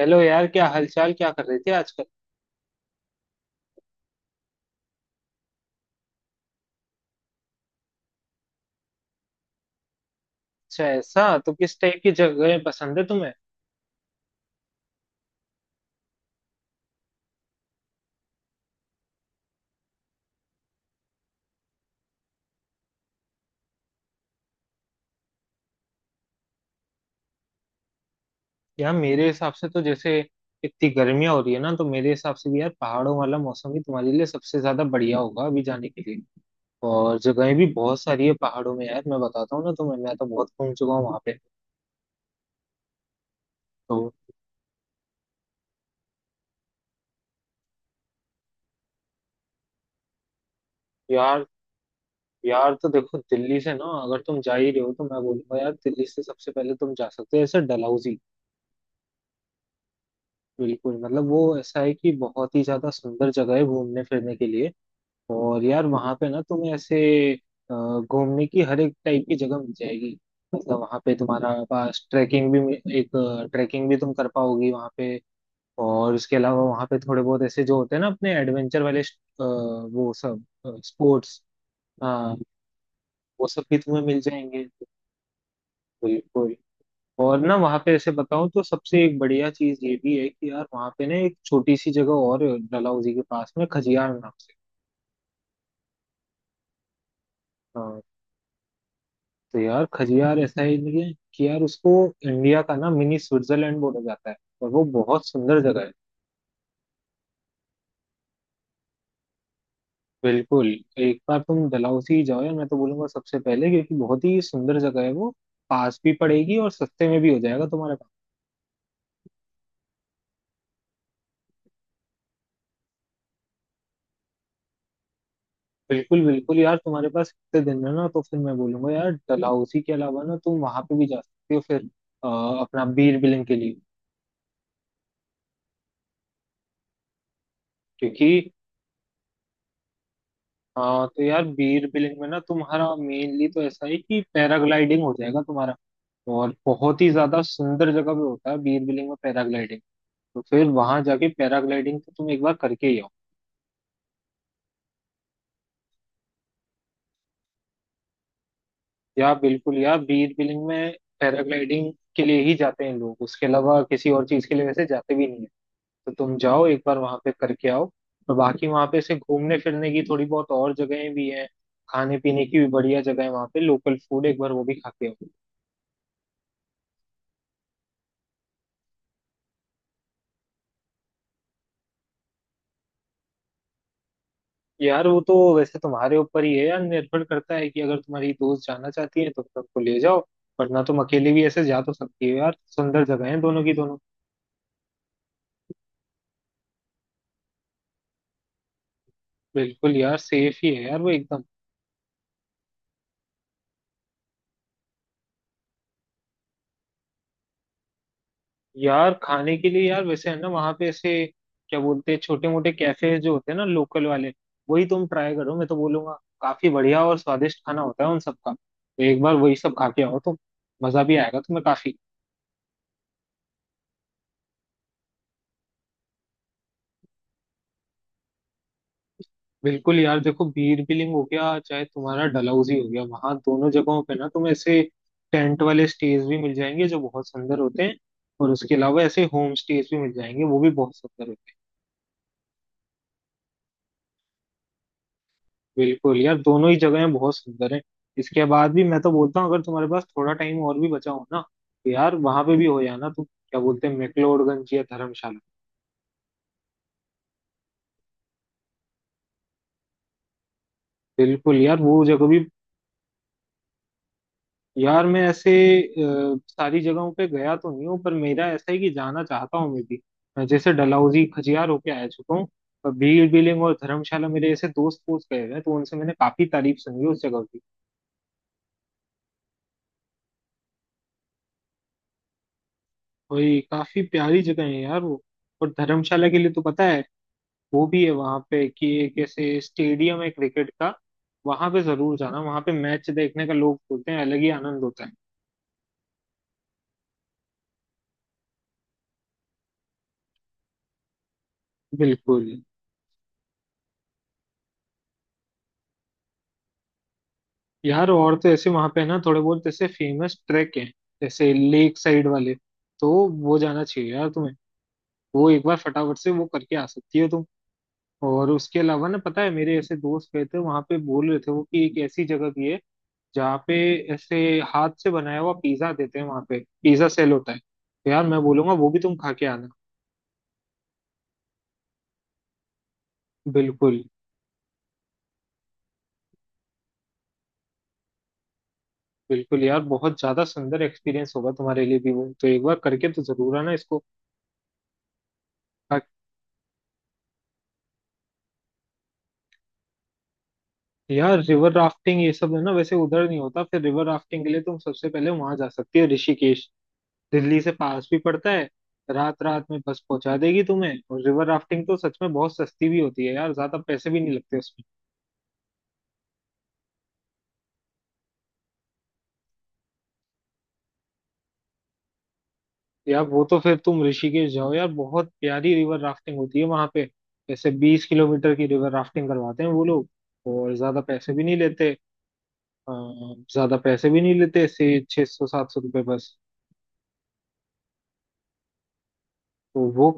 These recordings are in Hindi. हेलो यार, क्या हालचाल? क्या कर रही थी आजकल? अच्छा, ऐसा तो किस टाइप की जगह पसंद है तुम्हें? यार मेरे हिसाब से तो जैसे इतनी गर्मियां हो रही है ना, तो मेरे हिसाब से भी यार पहाड़ों वाला मौसम ही तुम्हारे लिए सबसे ज्यादा बढ़िया होगा अभी जाने के लिए। और जगहें भी बहुत सारी है पहाड़ों में यार। मैं बताता हूँ ना तुम्हें, मैं तो बहुत घूम चुका हूँ वहां पे। तो यार यार तो देखो, दिल्ली से ना अगर तुम जा ही रहे हो तो मैं बोलूंगा यार, दिल्ली से सबसे पहले तुम जा सकते हो ऐसे डलहौजी। बिल्कुल, मतलब वो ऐसा है कि बहुत ही ज्यादा सुंदर जगह है घूमने फिरने के लिए। और यार वहां पे ना तुम्हें ऐसे अ, घूमने की हर एक टाइप की जगह मिल जाएगी। मतलब वहां पे तुम्हारा पास ट्रैकिंग भी, तुम कर पाओगी वहां पे। और उसके अलावा वहां पे थोड़े बहुत ऐसे जो होते हैं ना अपने एडवेंचर वाले वो सब स्पोर्ट्स, हाँ, वो सब भी तुम्हें मिल जाएंगे। बिल्कुल। और ना वहाँ पे ऐसे बताऊं तो सबसे एक बढ़िया चीज ये भी है कि यार वहाँ पे ना एक छोटी सी जगह और है, डलहौजी के पास में खजियार नाम से। तो यार, खजियार ऐसा ही नहीं है कि यार उसको इंडिया का ना मिनी स्विट्जरलैंड बोला जाता है, और वो बहुत सुंदर जगह है। बिल्कुल, एक बार तुम डलहौजी जाओ यार, मैं तो बोलूंगा सबसे पहले, क्योंकि बहुत ही सुंदर जगह है वो। पास भी पड़ेगी और सस्ते में भी हो जाएगा तुम्हारे पास। बिल्कुल बिल्कुल यार, तुम्हारे पास इतने दिन है ना तो फिर मैं बोलूंगा यार, डलहौजी के अलावा ना तुम वहां पे भी जा सकते हो फिर अ, अपना बीर बिलिंग के लिए। क्योंकि तो यार बीर बिलिंग में ना तुम्हारा मेनली तो ऐसा है कि पैराग्लाइडिंग हो जाएगा तुम्हारा। और बहुत ही ज्यादा सुंदर जगह पे होता है बीरबिलिंग में पैराग्लाइडिंग। तो फिर वहां जाके पैराग्लाइडिंग तो तुम एक बार करके ही आओ। या बिल्कुल यार, बीरबिलिंग में पैराग्लाइडिंग के लिए ही जाते हैं लोग, उसके अलावा किसी और चीज के लिए वैसे जाते भी नहीं है। तो तुम जाओ एक बार वहां पे करके आओ। और बाकी वहां पे ऐसे घूमने फिरने की थोड़ी बहुत और जगहें भी हैं। खाने पीने की भी बढ़िया जगह है वहां पे, लोकल फूड एक बार वो भी खा के आओ। यार वो तो वैसे तुम्हारे ऊपर ही है यार, निर्भर करता है कि अगर तुम्हारी दोस्त जाना चाहती है तो तुम उनको ले जाओ, वरना तुम अकेले भी ऐसे जा तो सकती हो यार। सुंदर जगह है दोनों की दोनों। बिल्कुल यार, सेफ ही है यार वो एकदम। यार खाने के लिए यार वैसे है ना वहां पे ऐसे, क्या बोलते हैं, छोटे मोटे कैफे जो होते हैं ना लोकल वाले, वही तुम ट्राई करो मैं तो बोलूंगा। काफी बढ़िया और स्वादिष्ट खाना होता है उन सबका, तो एक बार वही सब खा के आओ तुम, मजा भी आएगा तुम्हें काफी। बिल्कुल यार, देखो बीर बिलिंग हो गया, चाहे तुम्हारा डलहौजी हो गया, वहां दोनों जगहों पे ना तुम्हें ऐसे टेंट वाले स्टेज भी मिल जाएंगे जो बहुत सुंदर होते हैं। और उसके अलावा ऐसे होम स्टेज भी मिल जाएंगे, वो भी बहुत सुंदर होते हैं। बिल्कुल यार, दोनों ही जगहें बहुत सुंदर हैं। इसके बाद भी मैं तो बोलता हूँ, अगर तुम्हारे पास थोड़ा टाइम और भी बचा हो ना, तो यार वहां पे भी हो जाना तुम, क्या बोलते हैं, मैक्लोडगंज या धर्मशाला। बिल्कुल यार, वो जगह भी। यार मैं ऐसे सारी जगहों पे गया तो नहीं हूँ, पर मेरा ऐसा है कि जाना चाहता हूँ मैं भी। मैं जैसे डलहौजी खजियार होके आ चुका हूँ, पर भीड़ बिलिंग और धर्मशाला मेरे ऐसे दोस्त दोस्त गए हुए हैं तो उनसे मैंने काफी तारीफ सुनी उस जगह की। वही काफी प्यारी जगह है यार वो। और धर्मशाला के लिए तो पता है, वो भी है वहां पे कि एक ऐसे स्टेडियम है क्रिकेट का, वहां पे जरूर जाना। वहां पे मैच देखने का लोग बोलते हैं अलग ही आनंद होता है। बिल्कुल यार, और तो ऐसे वहां पे ना थोड़े बहुत ऐसे फेमस ट्रैक हैं, जैसे लेक साइड वाले, तो वो जाना चाहिए यार तुम्हें। वो एक बार फटाफट से वो करके आ सकती हो तुम। और उसके अलावा ना, पता है, मेरे ऐसे दोस्त गए थे वहां पे, बोल रहे थे वो कि एक ऐसी जगह भी है जहाँ पे ऐसे हाथ से बनाया हुआ पिज्जा देते हैं, वहां पे पिज्जा सेल होता है, तो यार मैं बोलूंगा वो भी तुम खा के आना। बिल्कुल बिल्कुल यार, बहुत ज्यादा सुंदर एक्सपीरियंस होगा तुम्हारे लिए भी वो, तो एक बार करके तो जरूर आना इसको। यार, रिवर राफ्टिंग ये सब है ना वैसे उधर नहीं होता, फिर रिवर राफ्टिंग के लिए तुम सबसे पहले वहां जा सकती हो ऋषिकेश। दिल्ली से पास भी पड़ता है, रात रात में बस पहुंचा देगी तुम्हें। और रिवर राफ्टिंग तो सच में बहुत सस्ती भी होती है यार, ज्यादा पैसे भी नहीं लगते उसमें। यार वो तो फिर तुम ऋषिकेश जाओ यार, बहुत प्यारी रिवर राफ्टिंग होती है वहां पे। जैसे 20 किलोमीटर की रिवर राफ्टिंग करवाते हैं वो लोग, और ज्यादा पैसे भी नहीं लेते। अ, से 600-700 रुपये बस। तो वो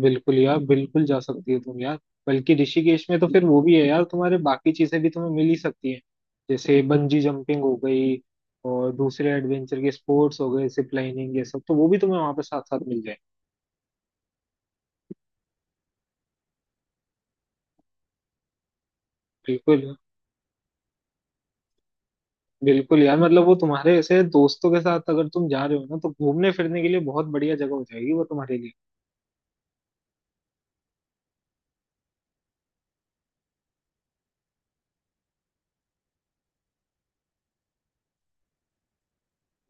बिल्कुल यार, बिल्कुल जा सकती है तुम यार। बल्कि ऋषिकेश में तो फिर वो भी है यार, तुम्हारे बाकी चीजें भी तुम्हें मिल ही सकती हैं, जैसे बंजी जंपिंग हो गई और दूसरे एडवेंचर के स्पोर्ट्स हो गए, जिप लाइनिंग, ये सब तो वो भी तुम्हें वहां पे साथ साथ मिल जाए। बिल्कुल बिल्कुल यार, मतलब वो तुम्हारे ऐसे दोस्तों के साथ अगर तुम जा रहे हो ना, तो घूमने फिरने के लिए बहुत बढ़िया जगह हो जाएगी वो तुम्हारे लिए।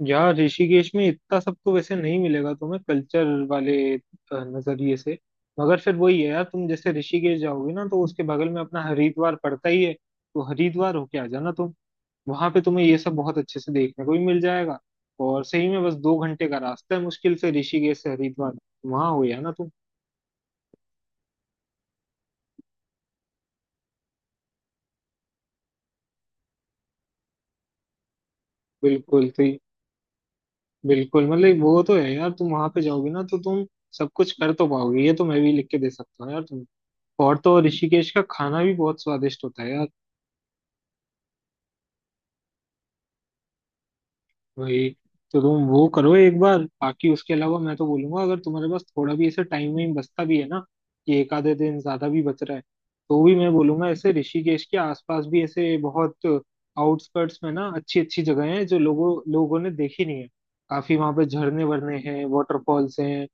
यार ऋषिकेश में इतना सबको वैसे नहीं मिलेगा तुम्हें कल्चर वाले नजरिए से। मगर फिर वही है यार, तुम जैसे ऋषिकेश जाओगे ना तो उसके बगल में अपना हरिद्वार पड़ता ही है, तो हरिद्वार होके आ जाना तुम। वहां पे तुम्हें ये सब बहुत अच्छे से देखने को भी मिल जाएगा। और सही में बस 2 घंटे का रास्ता है मुश्किल से ऋषिकेश से हरिद्वार, वहां हो या ना तुम। बिल्कुल, तो बिल्कुल मतलब वो तो है यार, तुम वहां पे जाओगे ना तो तुम सब कुछ कर तो पाओगे, ये तो मैं भी लिख के दे सकता हूँ यार तुम। और तो और ऋषिकेश का खाना भी बहुत स्वादिष्ट होता है यार। वही, तो तुम वो करो एक बार। बाकी उसके अलावा मैं तो बोलूंगा, अगर तुम्हारे पास थोड़ा भी ऐसे टाइम वाइम बचता भी है ना, कि एक आधे दिन ज्यादा भी बच रहा है, तो भी मैं बोलूंगा ऐसे ऋषिकेश के आसपास भी ऐसे बहुत आउटस्कर्ट्स में ना अच्छी अच्छी जगह हैं जो लोगों लोगों ने देखी नहीं है। काफी वहां पे झरने वरने हैं, वाटरफॉल्स हैं।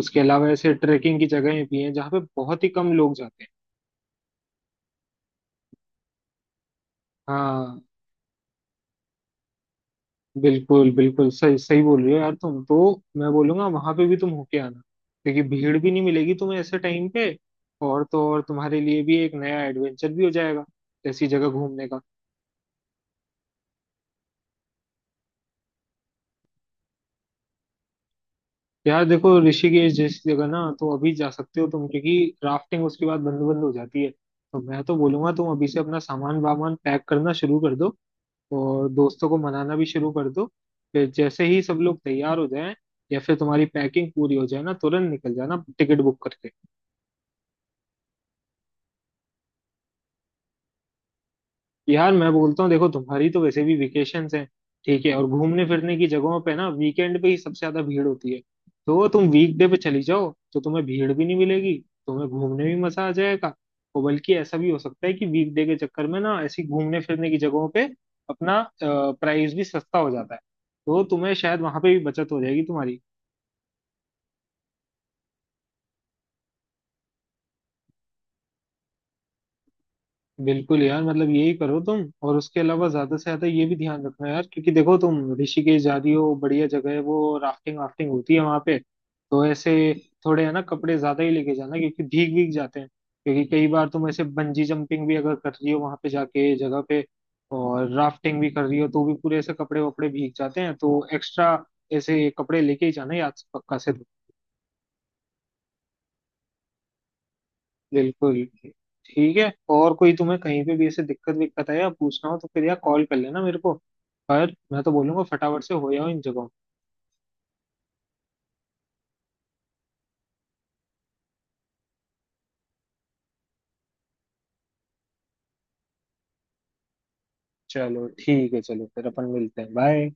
उसके अलावा ऐसे ट्रेकिंग की जगहें भी हैं जहाँ पे बहुत ही कम लोग जाते हैं। हाँ, बिल्कुल बिल्कुल, सही सही बोल रही हो यार तुम तो। मैं बोलूंगा वहां पे भी तुम होके आना, क्योंकि भीड़ भी नहीं मिलेगी तुम्हें ऐसे टाइम पे, और तो और तुम्हारे लिए भी एक नया एडवेंचर भी हो जाएगा ऐसी जगह घूमने का। यार देखो, ऋषिकेश जैसी जगह ना तो अभी जा सकते हो तुम, क्योंकि राफ्टिंग उसके बाद बंद बंद हो जाती है। तो मैं तो बोलूंगा तुम अभी से अपना सामान वामान पैक करना शुरू कर दो, और दोस्तों को मनाना भी शुरू कर दो। फिर जैसे ही सब लोग तैयार हो जाएं, या फिर तुम्हारी पैकिंग पूरी हो जाए ना, तुरंत निकल जाना टिकट बुक करके। यार मैं बोलता हूँ, देखो तुम्हारी तो वैसे भी वेकेशंस हैं ठीक है, और घूमने फिरने की जगहों पे ना वीकेंड पे ही सबसे ज्यादा भीड़ होती है। तो तुम वीकडे पे चली जाओ तो तुम्हें भीड़ भी नहीं मिलेगी, तुम्हें घूमने भी मजा आ जाएगा। और बल्कि ऐसा भी हो सकता है कि वीकडे के चक्कर में ना ऐसी घूमने फिरने की जगहों पे अपना प्राइस भी सस्ता हो जाता है, तो तुम्हें शायद वहां पे भी बचत हो जाएगी तुम्हारी। बिल्कुल यार, मतलब यही करो तुम। और उसके अलावा ज्यादा से ज्यादा ये भी ध्यान रखना यार, क्योंकि देखो तुम ऋषिकेश जा रही हो, बढ़िया जगह है वो, राफ्टिंग वाफ्टिंग होती है वहां पे, तो ऐसे थोड़े है ना कपड़े ज्यादा ही लेके जाना क्योंकि भीग भीग जाते हैं। क्योंकि कई बार तुम ऐसे बंजी जंपिंग भी अगर कर रही हो वहां पे जाके जगह पे, और राफ्टिंग भी कर रही हो, तो भी पूरे ऐसे कपड़े वपड़े भीग जाते हैं, तो एक्स्ट्रा ऐसे कपड़े लेके ही जाना याद से पक्का से। बिल्कुल। ठीक है, और कोई तुम्हें कहीं पे भी ऐसे दिक्कत विक्कत है या पूछना हो तो फिर यार कॉल कर लेना मेरे को। पर मैं तो बोलूंगा फटाफट से हो जाओ इन जगहों। चलो ठीक है, चलो फिर अपन मिलते हैं, बाय।